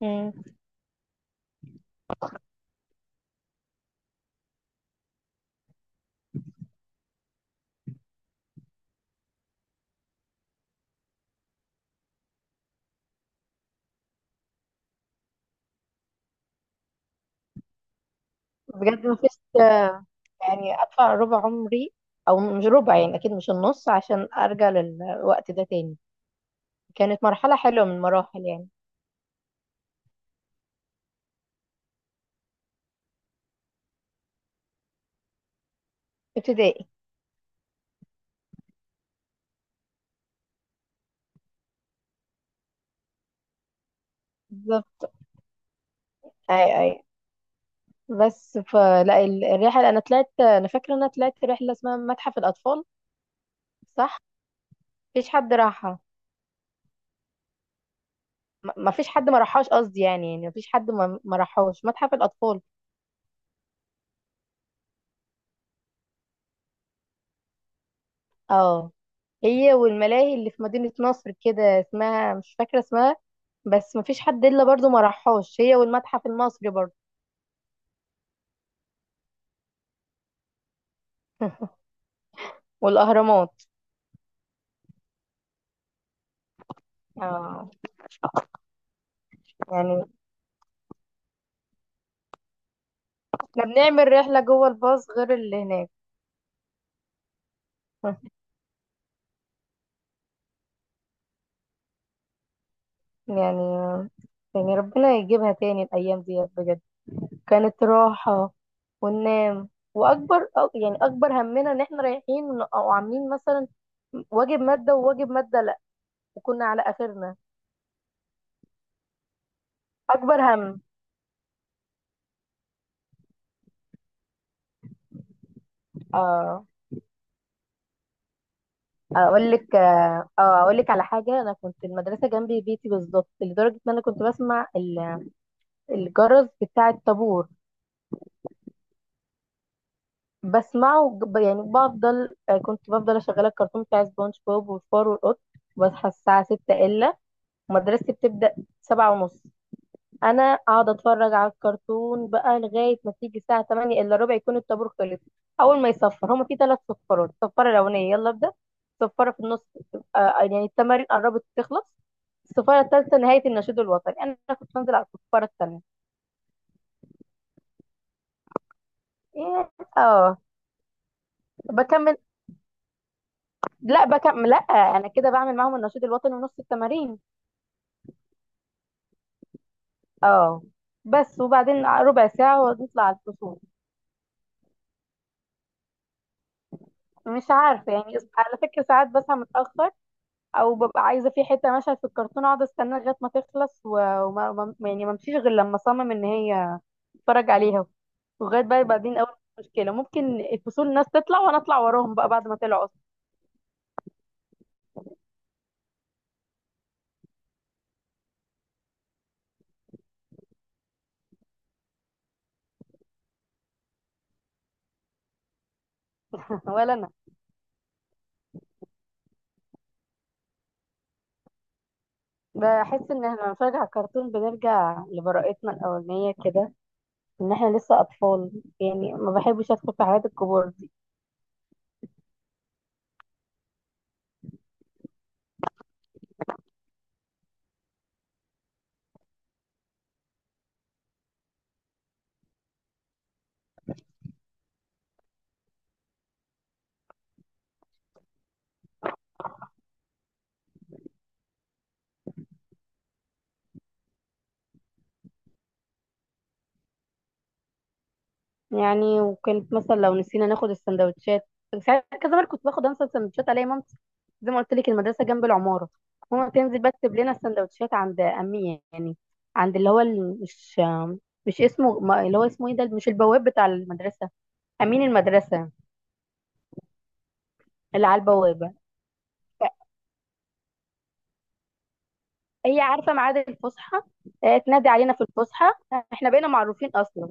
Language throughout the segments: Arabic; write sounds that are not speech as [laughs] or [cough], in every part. مم. بجد مفيش. آه، يعني ادفع ربع عمري، او مش ربع، يعني اكيد مش النص عشان ارجع للوقت ده تاني. كانت مرحله حلوه من المراحل، يعني. ابتدائي. بالظبط. اي اي. بس الرحله، انا فاكره ان انا طلعت رحله اسمها متحف الاطفال. صح. مفيش حد راحها. مفيش حد ما راحهاش، قصدي، يعني مفيش حد ما راحهاش متحف الاطفال. اه. هي والملاهي اللي في مدينة نصر كده، اسمها مش فاكرة اسمها. بس مفيش حد الا برضو ما راحهاش، هي والمتحف المصري برضو. [laughs] والاهرامات. اه. يعني احنا بنعمل رحلة جوه الباص غير اللي هناك. [laughs] يعني، يعني ربنا يجيبها تاني الايام دي بجد. كانت راحة، وننام. يعني اكبر همنا ان احنا رايحين او عاملين مثلا واجب مادة، وواجب مادة لا. وكنا على اخرنا. اكبر هم. اه. اقول لك على حاجه. انا كنت المدرسه جنبي بيتي بالظبط، لدرجه ان انا كنت بسمع الجرس بتاع الطابور. يعني بفضل آه، كنت بفضل اشغل الكرتون بتاع سبونج بوب وفار والقط، وبصحى الساعه 6 الا. مدرستي بتبدا 7 ونص. انا اقعد اتفرج على الكرتون بقى لغايه ما تيجي الساعه 8 الا ربع، يكون الطابور خلص. اول ما يصفر، هما في ثلاث صفارات. الصفاره الاولانيه يلا ابدا. الصفاره في النص، يعني التمارين قربت تخلص. الصفاره الثالثه نهايه النشيد الوطني. انا كنت بنزل على الصفاره الثانيه. إيه، اه. بكمل. لا بكمل لا. انا كده بعمل معاهم النشيد الوطني ونص التمارين. اه. بس وبعدين ربع ساعه ونطلع على الفصول. مش عارفه يعني، على فكره ساعات بصحى متاخر، او ببقى عايزه في حته مشهد في الكرتون، اقعد استناه لغايه ما تخلص، و- وما ما- يعني ما امشيش غير لما اصمم ان هي اتفرج عليها. لغايه بقى بعدين اول مشكله، ممكن الفصول الناس تطلع وانا اطلع وراهم بقى بعد ما طلعوا اصلا. [laughs] ولا انا. بحس ان احنا لما بنتفرج على الكرتون بنرجع لبراءتنا الاولانيه كده، ان احنا لسه اطفال. يعني ما بحبش ادخل في حياه الكبار. يعني وكانت مثلا لو نسينا ناخد السندوتشات. ساعات كذا مرة كنت باخد، انسى السندوتشات الاقي مامتي، زي ما قلت لك المدرسة جنب العمارة، ماما تنزل بقى تسيب لنا السندوتشات عند أمية، يعني عند اللي هو ال- مش مش اسمه ما- اللي هو اسمه ايه ده، مش البواب بتاع المدرسة، أمين المدرسة، اللي على البوابة. هي عارفة ميعاد الفسحة، تنادي علينا في الفسحة. احنا بقينا معروفين أصلا.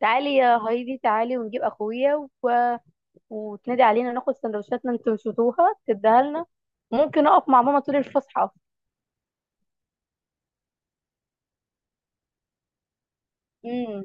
تعالي يا هايدي تعالي ونجيب أخويا، وتنادي علينا ناخد سندوتشاتنا انتوا نسيتوها تديها لنا. ممكن اقف مع ماما طول الفسحه. امم.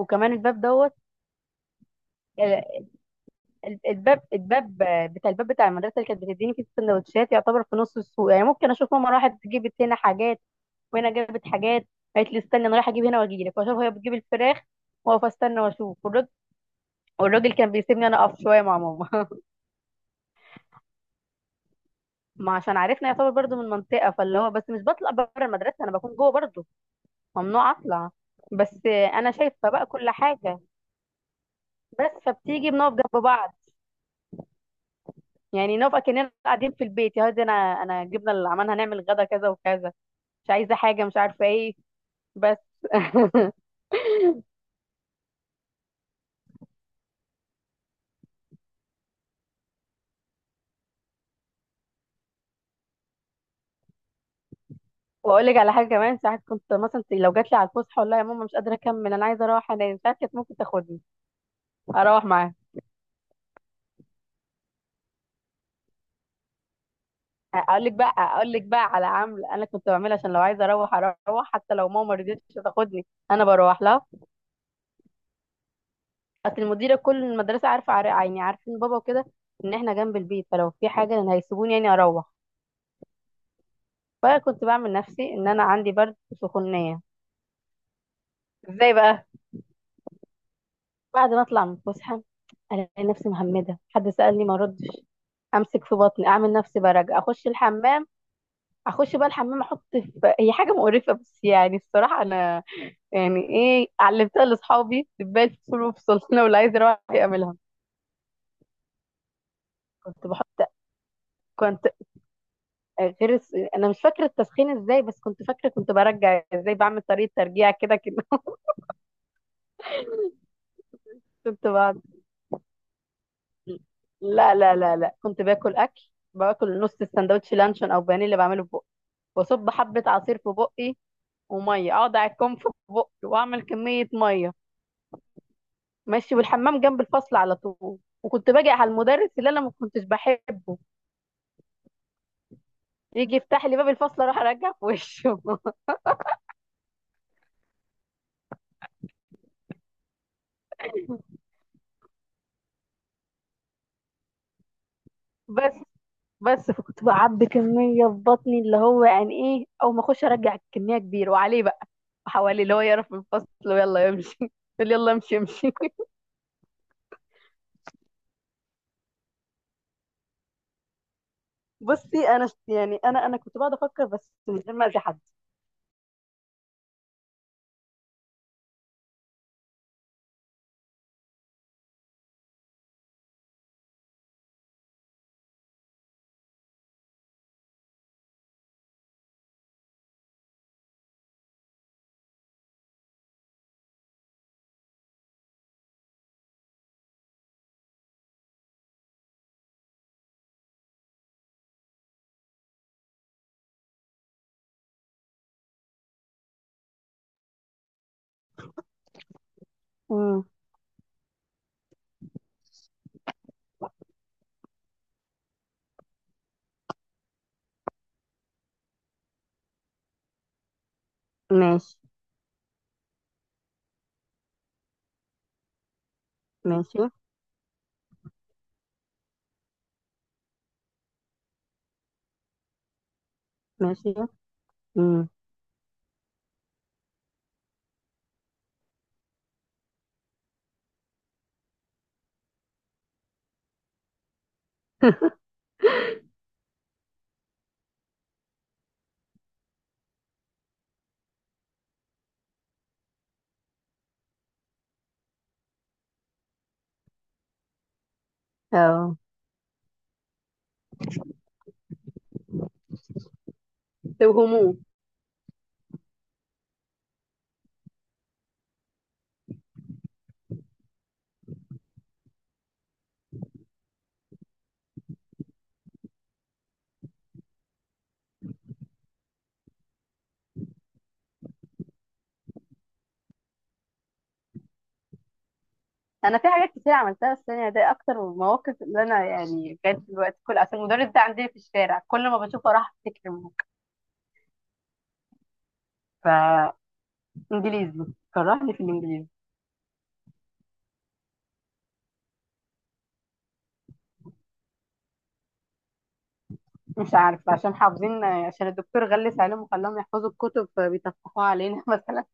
وكمان الباب دوت. ال- ال- الباب الباب الباب بتاع المدرسه اللي كانت بتديني فيه السندوتشات، يعتبر في نص السوق. يعني ممكن اشوف ماما راحت جابت هنا حاجات، وهنا جابت حاجات، قالت لي استني انا رايحه اجيب هنا واجي لك، واشوف هي بتجيب الفراخ، واقف استنى واشوف. والراجل كان بيسيبني انا اقف شويه مع ماما. [laughs] ما عشان عرفنا، يعتبر برضو من منطقه، فاللي هو بس مش بطلع بره المدرسه، انا بكون جوه برضو. ممنوع اطلع، بس انا شايفه بقى كل حاجه. بس فبتيجي بنقف جنب بعض. يعني نقف اكننا قاعدين في البيت، يا هادي، انا جبنا اللي عملنا، هنعمل غدا كذا وكذا، مش عايزه حاجه، مش عارفه ايه بس. واقول لك على حاجه كمان. ساعات كنت مثلا لو جات لي على الفسحه، والله يا ماما مش قادره اكمل، انا عايزه اروح. انا ساعات كانت ممكن تاخدني اروح معاها. اقول لك بقى على عمل انا كنت بعملها، عشان لو عايزه اروح اروح حتى لو ماما ما رضيتش تاخدني، انا بروح لها. اصل المديره كل المدرسه عارفه يعني عارفين بابا وكده، ان احنا جنب البيت، فلو في حاجه إن هيسيبوني يعني اروح. فانا كنت بعمل نفسي ان انا عندي برد وسخونيه. ازاي بقى؟ بعد ما اطلع من الفسحه، الاقي نفسي مهمده، حد سالني ما ردش، امسك في بطني اعمل نفسي برجع، اخش الحمام. اخش بقى الحمام، احط في هي حاجه مقرفه بس، يعني الصراحه انا يعني ايه، علمتها لاصحابي دبال فصول وفصول، لو اللي [laughs] عايز يروح يعملها. كنت بحط كنت غير الس- انا مش فاكره التسخين ازاي، بس كنت فاكره كنت برجع ازاي، بعمل طريقه ترجيع كده كده. [laughs] كنت بعد، لا لا لا لا، كنت باكل اكل، باكل نص السندوتش لانشون او بانيه اللي بعمله في بقي، واصب حبه عصير في بقي وميه، اقعد اعكم في بقي واعمل كميه ميه. ماشي، والحمام جنب الفصل على طول. وكنت باجي على المدرس اللي انا ما كنتش بحبه، يجي يفتح لي باب الفصل، اروح ارجع في وشه. [laughs] بس بس فكنت بعبي كميه في بطني، اللي هو يعني ايه، او ما اخش ارجع كميه كبيره وعليه بقى حواليه اللي هو، يعرف من الفصل ويلا يمشي. [laughs] يقول يلا امشي امشي. [laughs] بصي، يعني انا كنت بقعد افكر بس من غير ما اذي حد. مم. ماشي ماشي ماشي. مم. [laughs] اه. وهموم. انا في حاجات كتير عملتها السنه دي، اكتر من المواقف اللي انا يعني كانت في الوقت كله عشان المدرس ده عندنا في الشارع، كل ما بشوفه راح افتكر الموقف. فانجليزي. كرهني في الانجليزي. مش عارفة، عشان حافظين، عشان الدكتور غلس عليهم وخلاهم يحفظوا الكتب فبيطفحوها علينا [laughs] مثلا.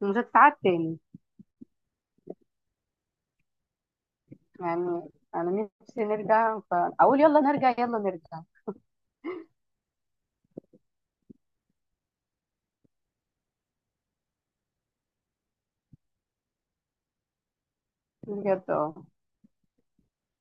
مش هتتعاد تاني يعني. أنا نفسي نرجع فأقول يلا نرجع يلا نرجع. بجد اه.